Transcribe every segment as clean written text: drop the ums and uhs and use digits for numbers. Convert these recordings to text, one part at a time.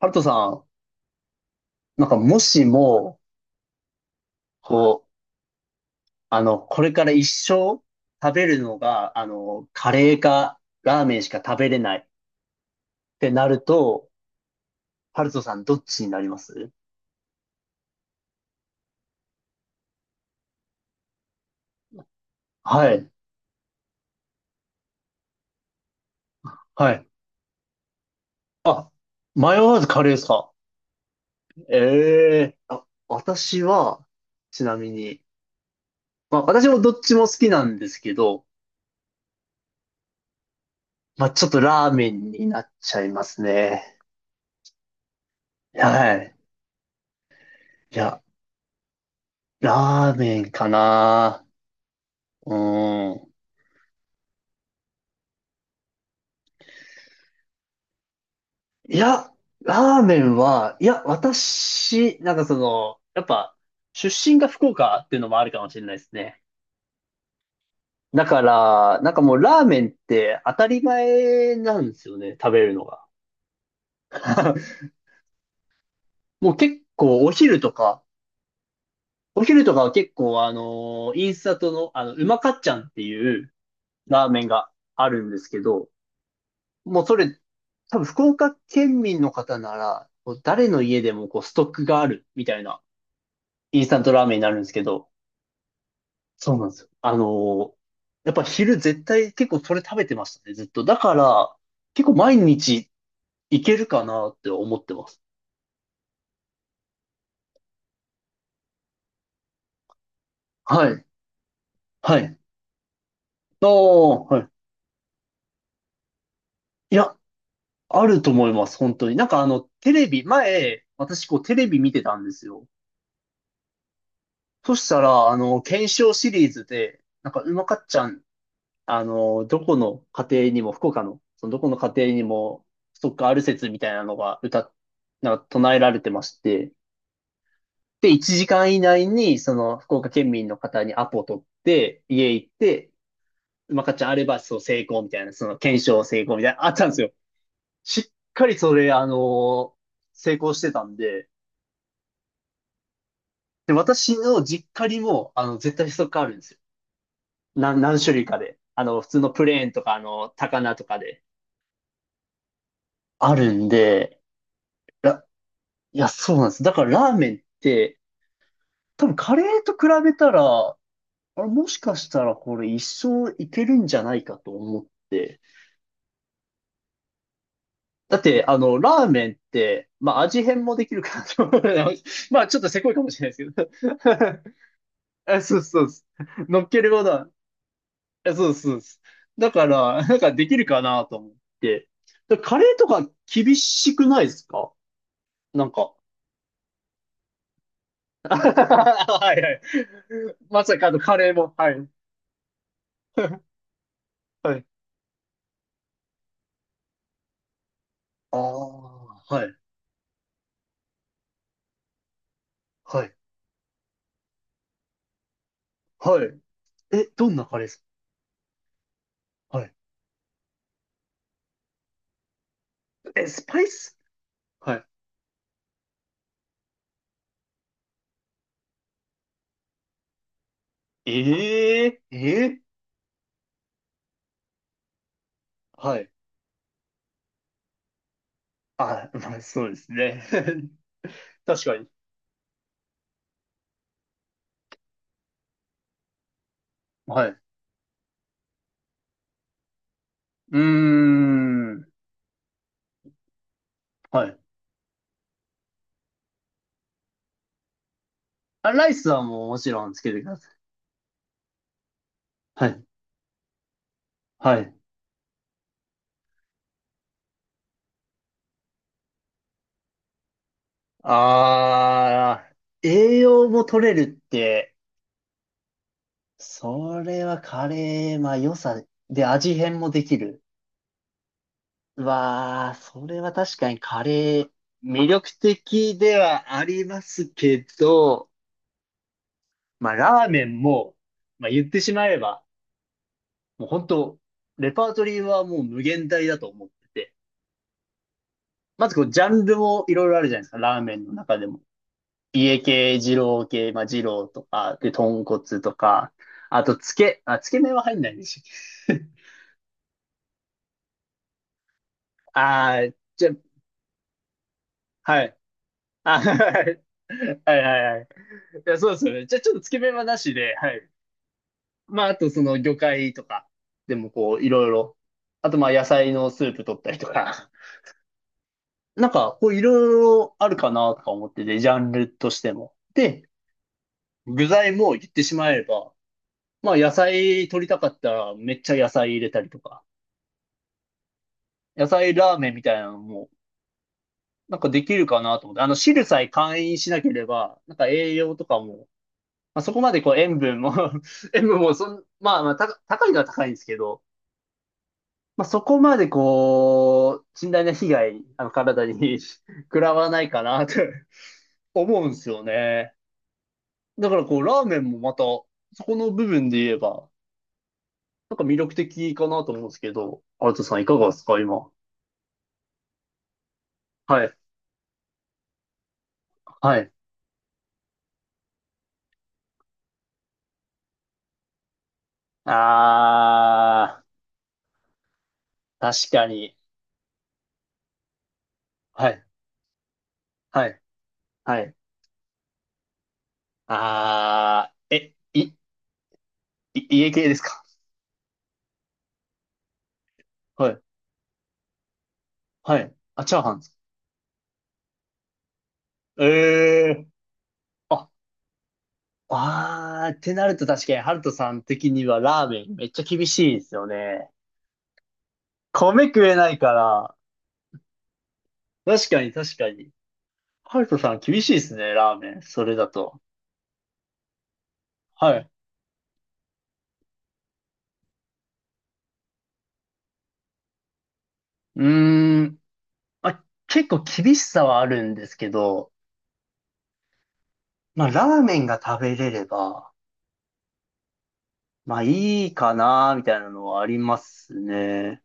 ハルトさん、なんかもしも、こう、これから一生食べるのが、カレーかラーメンしか食べれないってなると、ハルトさんどっちになります？はい。はい。あ、迷わずカレーですか？ええ。あ、私は、ちなみに、まあ私もどっちも好きなんですけど、まあちょっとラーメンになっちゃいますね。はい。いや、ラーメンかな。うん。いや、ラーメンは、いや、私、なんかやっぱ、出身が福岡っていうのもあるかもしれないですね。だから、なんかもうラーメンって当たり前なんですよね、食べるのが。もう結構お昼とか、お昼とかは結構インスタントの、うまかっちゃんっていうラーメンがあるんですけど、もうそれ、多分福岡県民の方なら、誰の家でもストックがあるみたいなインスタントラーメンになるんですけど、そうなんですよ。やっぱ昼絶対結構それ食べてましたね、ずっと。だから、結構毎日いけるかなって思ってます。はい。はい。あ、はい。いや、あると思います、本当に。なんかテレビ、前、私テレビ見てたんですよ。そしたら、検証シリーズで、なんかうまかっちゃん、どこの家庭にも、福岡の、そのどこの家庭にも、ストックある説みたいなのがなんか唱えられてまして、で、1時間以内に、その、福岡県民の方にアポ取って、家行って、まかちゃんあれば、そう、成功みたいな、その、検証成功みたいな、あったんですよ。しっかりそれ、成功してたんで、で、私の実家にも、絶対ストックあるんですよ。何種類かで。普通のプレーンとか、高菜とかで。あるんで、らいや、そうなんです。だからラーメンって、多分カレーと比べたら、あれもしかしたらこれ一生いけるんじゃないかと思って、だって、ラーメンって、まあ、味変もできるからと思うので まあ、ちょっとせこいかもしれないですけど あ、そうそうそう、乗っけるものは、あ、そうそうそう、だから、なんかできるかなと思って。カレーとか厳しくないですか？なんか。はいはい。まさかあのカレーも、はい。はい。ああ、はい、はい、はい。え、どんなカレーですか？はい。え、スパイス？はい。ええええ。はい。あ、まあ、そうですね。確かに。はい。うーん。はい。あ、ライスはもうもちろんつけてください。はい。はい。ああ、栄養も取れるって、それはカレー、まあ良さで味変もできる。わあ、それは確かにカレー、魅力的ではありますけど、まあラーメンも、まあ言ってしまえば、もう本当、レパートリーはもう無限大だと思ってて。まずこう、ジャンルもいろいろあるじゃないですか、ラーメンの中でも。家系、二郎系、まあ二郎とか、で、豚骨とか、あと、つけ麺は入んないんでしょ？ あー、じゃ、はい。あ、はい。はいはいはい。いや、そうですよね。じゃあちょっとつけ麺はなしで、はい。まあ、あとその魚介とか、でもこう、いろいろ。あとまあ野菜のスープ取ったりとか。なんか、こういろいろあるかなとか思ってて、ジャンルとしても。で、具材も言ってしまえば、まあ野菜取りたかったらめっちゃ野菜入れたりとか、野菜ラーメンみたいなのも、なんかできるかなと思って、あの汁さえ簡易しなければ、なんか栄養とかも、まあそこまでこう塩分も 塩分もそん、まあまあ高いのは高いんですけど、まあそこまでこう、甚大な被害、あの体に 食らわないかなと 思うんですよね。だからこう、ラーメンもまた、そこの部分で言えば、なんか魅力的かなと思うんですけど、アウトさんいかがですか、今？はい、はい。あー、確かに。はい、はい、はい。あー、え、い、い、家系ですか？はい、はい。あ、チャーハンですか？えー。あ、あー、ってなると確かに、ハルトさん的にはラーメンめっちゃ厳しいですよね。米食えないから。確かに、確かに。ハルトさん厳しいですね、ラーメン。それだと。はい。うーん。まあ、結構厳しさはあるんですけど、まあ、ラーメンが食べれれば、まあ、いいかな、みたいなのはありますね。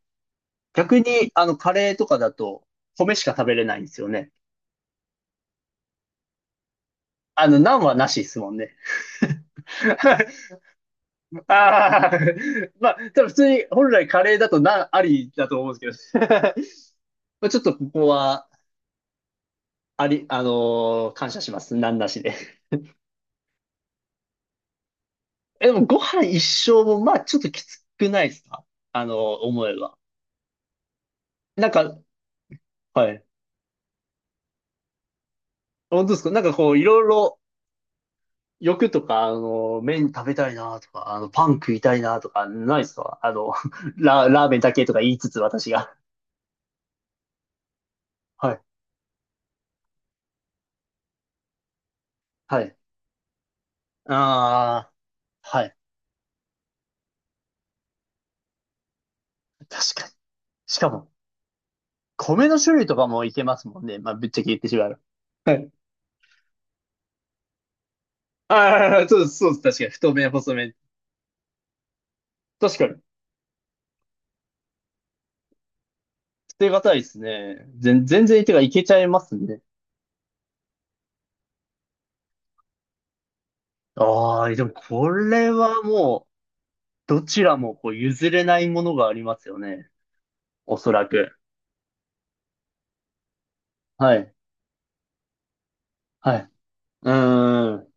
逆に、カレーとかだと、米しか食べれないんですよね。ナンはなしですもんね。ああ、まあ、多分普通に、本来カレーだとナンありだと思うんですけど。まあ、ちょっとここは、あり、あのー感謝します。ナンなしで。え、でもご飯一生も、まあちょっときつくないですか？あの、思えば。なんか、はい。本当ですか？なんかこう、いろいろ欲とか、麺食べたいなとか、パン食いたいなとか、ないですか？あの、ラーメンだけとか言いつつ私が。はい。はい。ああ、はい。確かに。しかも、米の種類とかもいけますもんね。まあ、ぶっちゃけ言ってしまう。はい。ああ、そうです、そうです。確かに。太麺、細麺。確かに。捨てがたいですね。全然、てか、いけちゃいますね。ああ、でもこれはもう、どちらもこう譲れないものがありますよね。おそらく。はい。はい。うーん。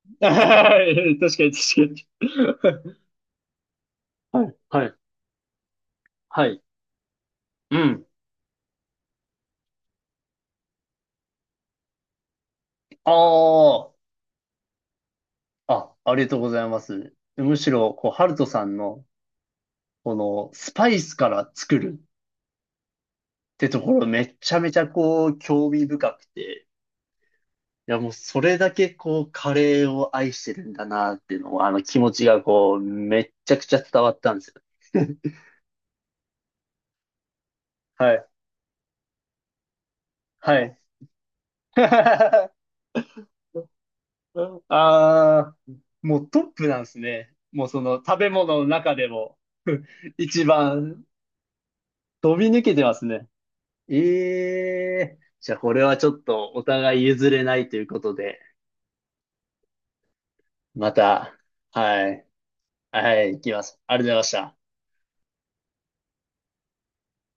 確かに確かに。はい。はい。はい。うん。ああ。あ、ありがとうございます。むしろ、こう、ハルトさんの、この、スパイスから作るってところめちゃめちゃこう、興味深くて。いやもうそれだけこうカレーを愛してるんだなっていうのをあの気持ちがこうめっちゃくちゃ伝わったんですよ。はい。はい。ああ、もうトップなんですね。もうその食べ物の中でも一番飛び抜けてますね。ええ、じゃあこれはちょっとお互い譲れないということで、また、はい、はい、行きます。ありがとうございました。